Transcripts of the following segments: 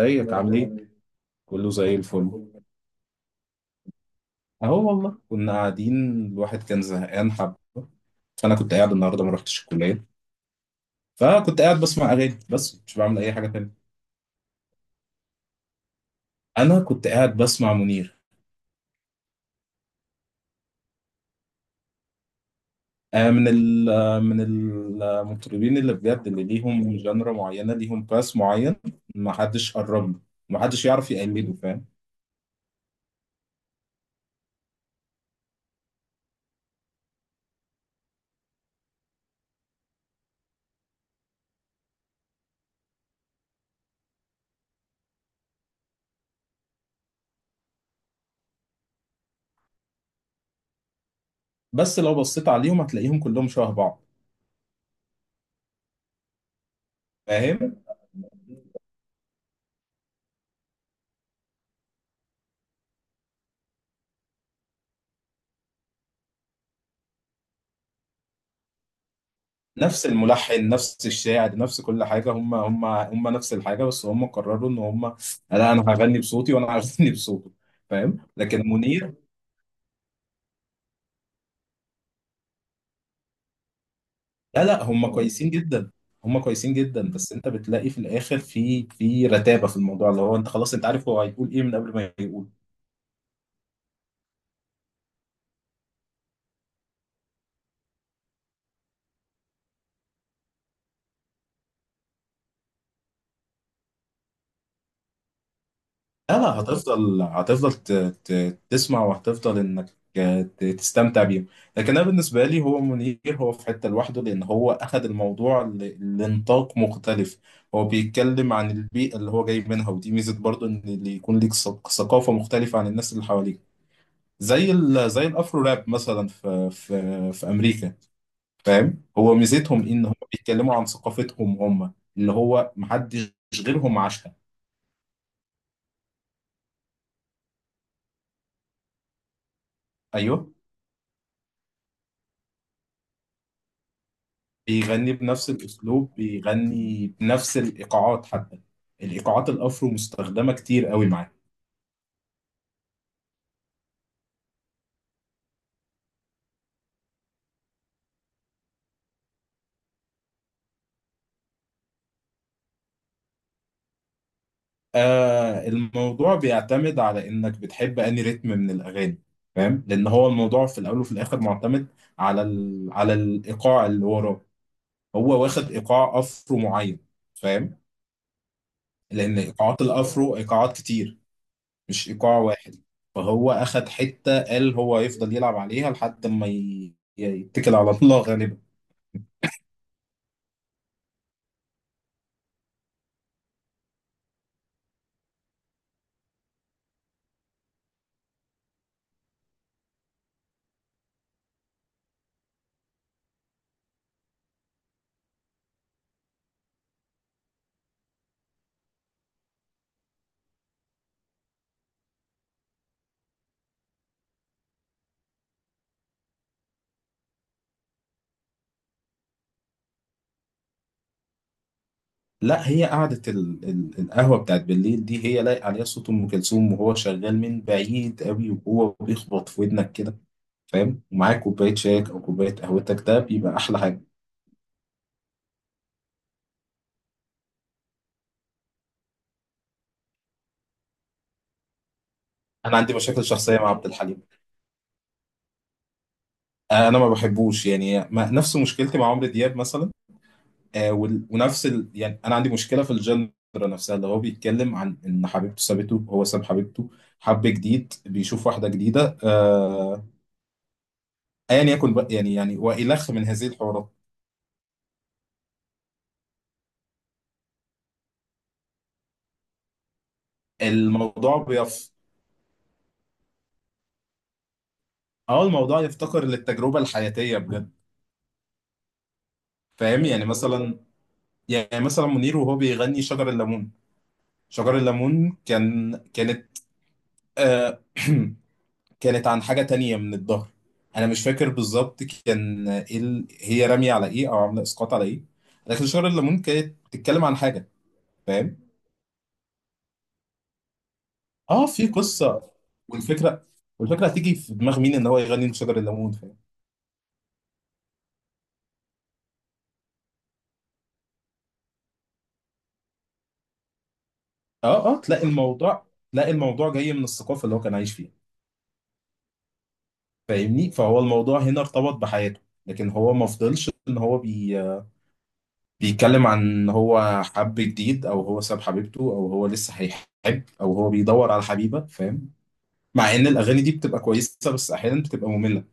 ازيك عامل ايه؟ كله زي الفل. اهو والله كنا قاعدين، الواحد كان زهقان حبه. فانا كنت قاعد النهارده ما رحتش الكليه، فكنت قاعد بسمع اغاني بس مش بعمل اي حاجه تانية. انا كنت قاعد بسمع منير. آه من ال آه، من المطربين اللي بجد، اللي ليهم جنرا معينه، ليهم باس معين. ما حدش قرب له، ما حدش يعرف يقلده. فاهم؟ بس لو بصيت عليهم هتلاقيهم كلهم شبه بعض. فاهم؟ نفس الملحن، نفس الشاعر، نفس كل حاجه. هم نفس الحاجه، بس هم قرروا ان هم، لا، انا هغني بصوتي وانا هغني بصوته. فاهم؟ لكن منير. لا لا، هم كويسين جدا. هم كويسين جدا، بس انت بتلاقي في الاخر في رتابه في الموضوع، اللي هو انت خلاص انت عارف هو هيقول ايه من قبل ما يقول. لا لا، هتفضل هتفضل، تسمع، وهتفضل انك تستمتع بيهم. لكن انا بالنسبه لي، هو منير هو في حته لوحده، لان هو اخذ الموضوع لنطاق مختلف. هو بيتكلم عن البيئه اللي هو جاي منها، ودي ميزه برضو، ان اللي يكون ليك ثقافه مختلفه عن الناس اللي حواليك، زي ال زي الافرو راب مثلا في في امريكا. فاهم؟ هو ميزتهم ان هم بيتكلموا عن ثقافتهم هم، اللي هو محدش غيرهم عاشها. ايوه، بيغني بنفس الاسلوب، بيغني بنفس الايقاعات حتى. الايقاعات الافرو مستخدمه كتير قوي معاه. آه، الموضوع بيعتمد على انك بتحب انهي رتم من الاغاني. فاهم؟ لان هو الموضوع في الاول وفي الاخر معتمد على الايقاع اللي وراه. هو واخد ايقاع افرو معين. فاهم؟ لان ايقاعات الافرو ايقاعات كتير، مش ايقاع واحد. فهو اخد حته قال هو يفضل يلعب عليها لحد ما يتكل على الله غالبا. لا، هي قعدة القهوة بتاعت بالليل دي، هي لايق عليها صوت أم كلثوم، وهو شغال من بعيد قوي وهو بيخبط في ودنك كده. فاهم؟ ومعاك كوباية شايك أو كوباية قهوتك، ده بيبقى أحلى حاجة. أنا عندي مشاكل شخصية مع عبد الحليم. أنا ما بحبوش، يعني ما... نفس مشكلتي مع عمرو دياب مثلا. ونفس يعني أنا عندي مشكلة في الجنرا نفسها، اللي هو بيتكلم عن إن حبيبته سابته، هو ساب حبيبته، حب جديد، بيشوف واحدة جديدة، أيا يكن بقى، يعني وإلخ من هذه الحوارات. الموضوع بيف اه، الموضوع يفتقر للتجربة الحياتية بجد. فاهم؟ يعني مثلا منير وهو بيغني شجر الليمون. شجر الليمون كان كانت آه كانت عن حاجة تانية من الظهر. انا مش فاكر بالظبط كان ايه، هي رامية على ايه او عاملة اسقاط على ايه، لكن شجر الليمون كانت بتتكلم عن حاجة. فاهم؟ اه، في قصة. والفكرة والفكرة هتيجي في دماغ مين ان هو يغني شجر الليمون. فاهم؟ اه اه، تلاقي الموضوع جاي من الثقافة اللي هو كان عايش فيها. فاهمني؟ فهو الموضوع هنا ارتبط بحياته، لكن هو ما فضلش ان هو بيتكلم عن ان هو حب جديد او هو ساب حبيبته او هو لسه هيحب او هو بيدور على حبيبه. فاهم؟ مع ان الاغاني دي بتبقى كويسه، بس احيانا بتبقى ممله.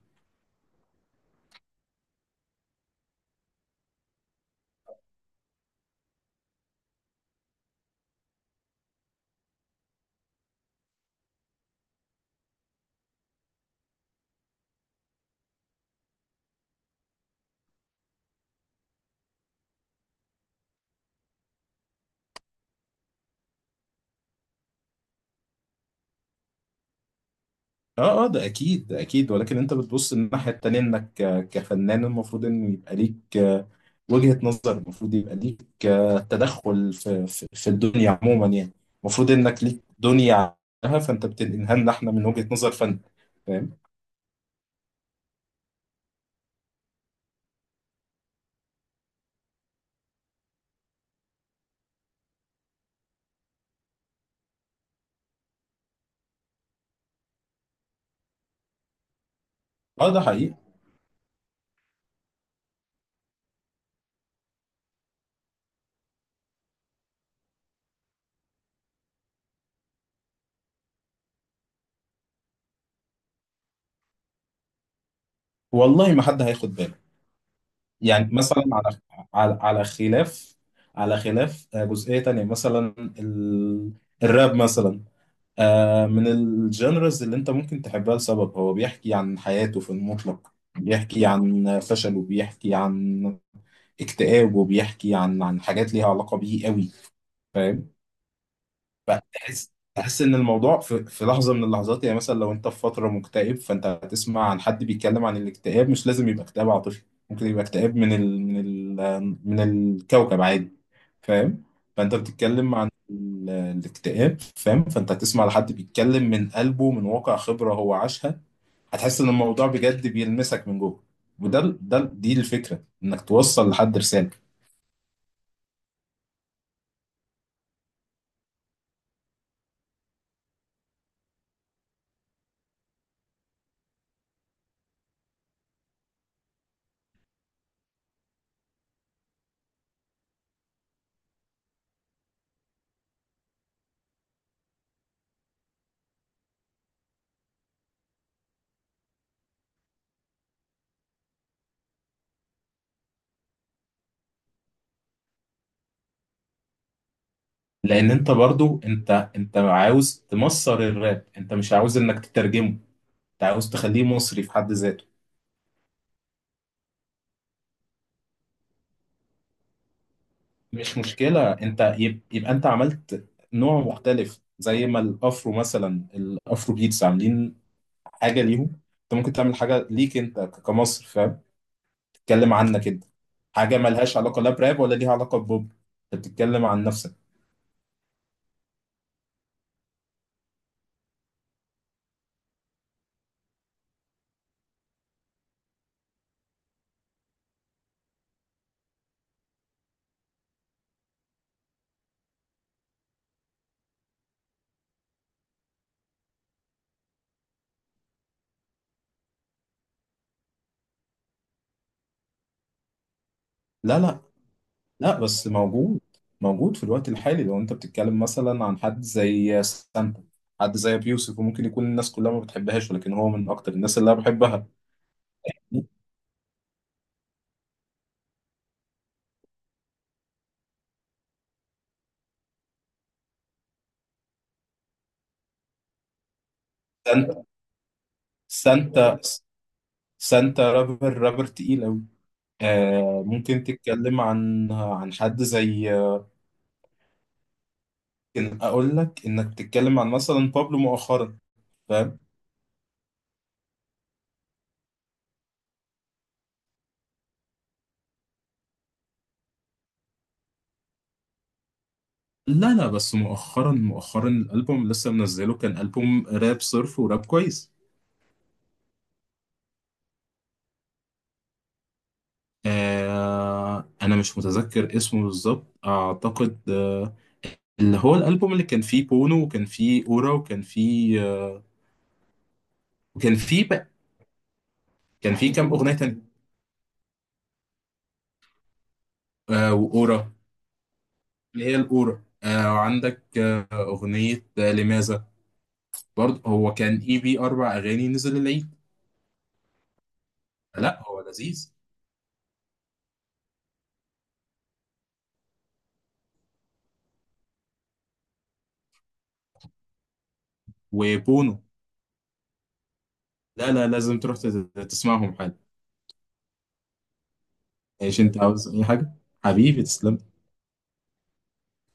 اه اه، ده اكيد ده اكيد، ولكن انت بتبص الناحيه التانيه، انك كفنان المفروض ان يبقى ليك وجهة نظر، المفروض يبقى ليك تدخل في في الدنيا عموما، يعني. المفروض انك ليك دنيا عنها، فانت بتنقلها لنا احنا من وجهة نظر فن. فاهم؟ اه، ده حقيقي. والله ما حد هياخد باله. يعني مثلا على على خلاف على خلاف جزئية تانية مثلا، ال... الراب مثلا. من الجانرز اللي انت ممكن تحبها لسبب، هو بيحكي عن حياته في المطلق، بيحكي عن فشله، بيحكي عن اكتئابه، بيحكي عن حاجات ليها علاقة بيه قوي. فاهم؟ فتحس ان الموضوع في لحظه من اللحظات. يعني مثلا لو انت في فتره مكتئب، فانت هتسمع عن حد بيتكلم عن الاكتئاب. مش لازم يبقى اكتئاب عاطفي، ممكن يبقى اكتئاب من الكوكب عادي. فاهم؟ فانت بتتكلم عن الاكتئاب. فاهم؟ فانت هتسمع لحد بيتكلم من قلبه، من واقع خبره هو عاشها. هتحس ان الموضوع بجد بيلمسك من جوه، وده ال- ده ال- دي الفكره، انك توصل لحد رساله. لان انت برضو، انت عاوز تمصر الراب، انت مش عاوز انك تترجمه، انت عاوز تخليه مصري في حد ذاته. مش مشكلة، انت يبقى انت عملت نوع مختلف، زي ما الافرو مثلا، الافرو بيتس عاملين حاجة ليهم، انت ممكن تعمل حاجة ليك انت كمصر. فاهم؟ تتكلم عنك انت، حاجة ملهاش علاقة لا براب ولا ليها علاقة ببوب، انت بتتكلم عن نفسك. لا لا لا، بس موجود في الوقت الحالي. لو انت بتتكلم مثلا عن حد زي سانتا، حد زي ابي يوسف، وممكن يكون الناس كلها ما بتحبهاش ولكن هو من اكتر الناس اللي انا بحبها. سانتا. سانتا سانتا، رابر، رابر تقيل أوي. آه، ممكن تتكلم عن حد زي، ممكن أقول لك إنك تتكلم عن مثلا بابلو مؤخرا. فاهم؟ لا لا، بس مؤخرا مؤخرا، الألبوم اللي لسه منزله كان ألبوم راب صرف وراب كويس. أنا مش متذكر اسمه بالظبط، أعتقد اللي هو الألبوم اللي كان فيه بونو، وكان فيه أورا، وكان فيه وكان فيه بقى. كان فيه كام أغنية تانية؟ وأورا، اللي هي الأورا. وعندك أغنية لماذا. برضه هو كان EP أربع أغاني نزل العيد. لا، هو لذيذ. وبونو. لا لا، لازم تروح تسمعهم حاجة. ايش انت عاوز اي حاجة؟ حبيبي تسلم.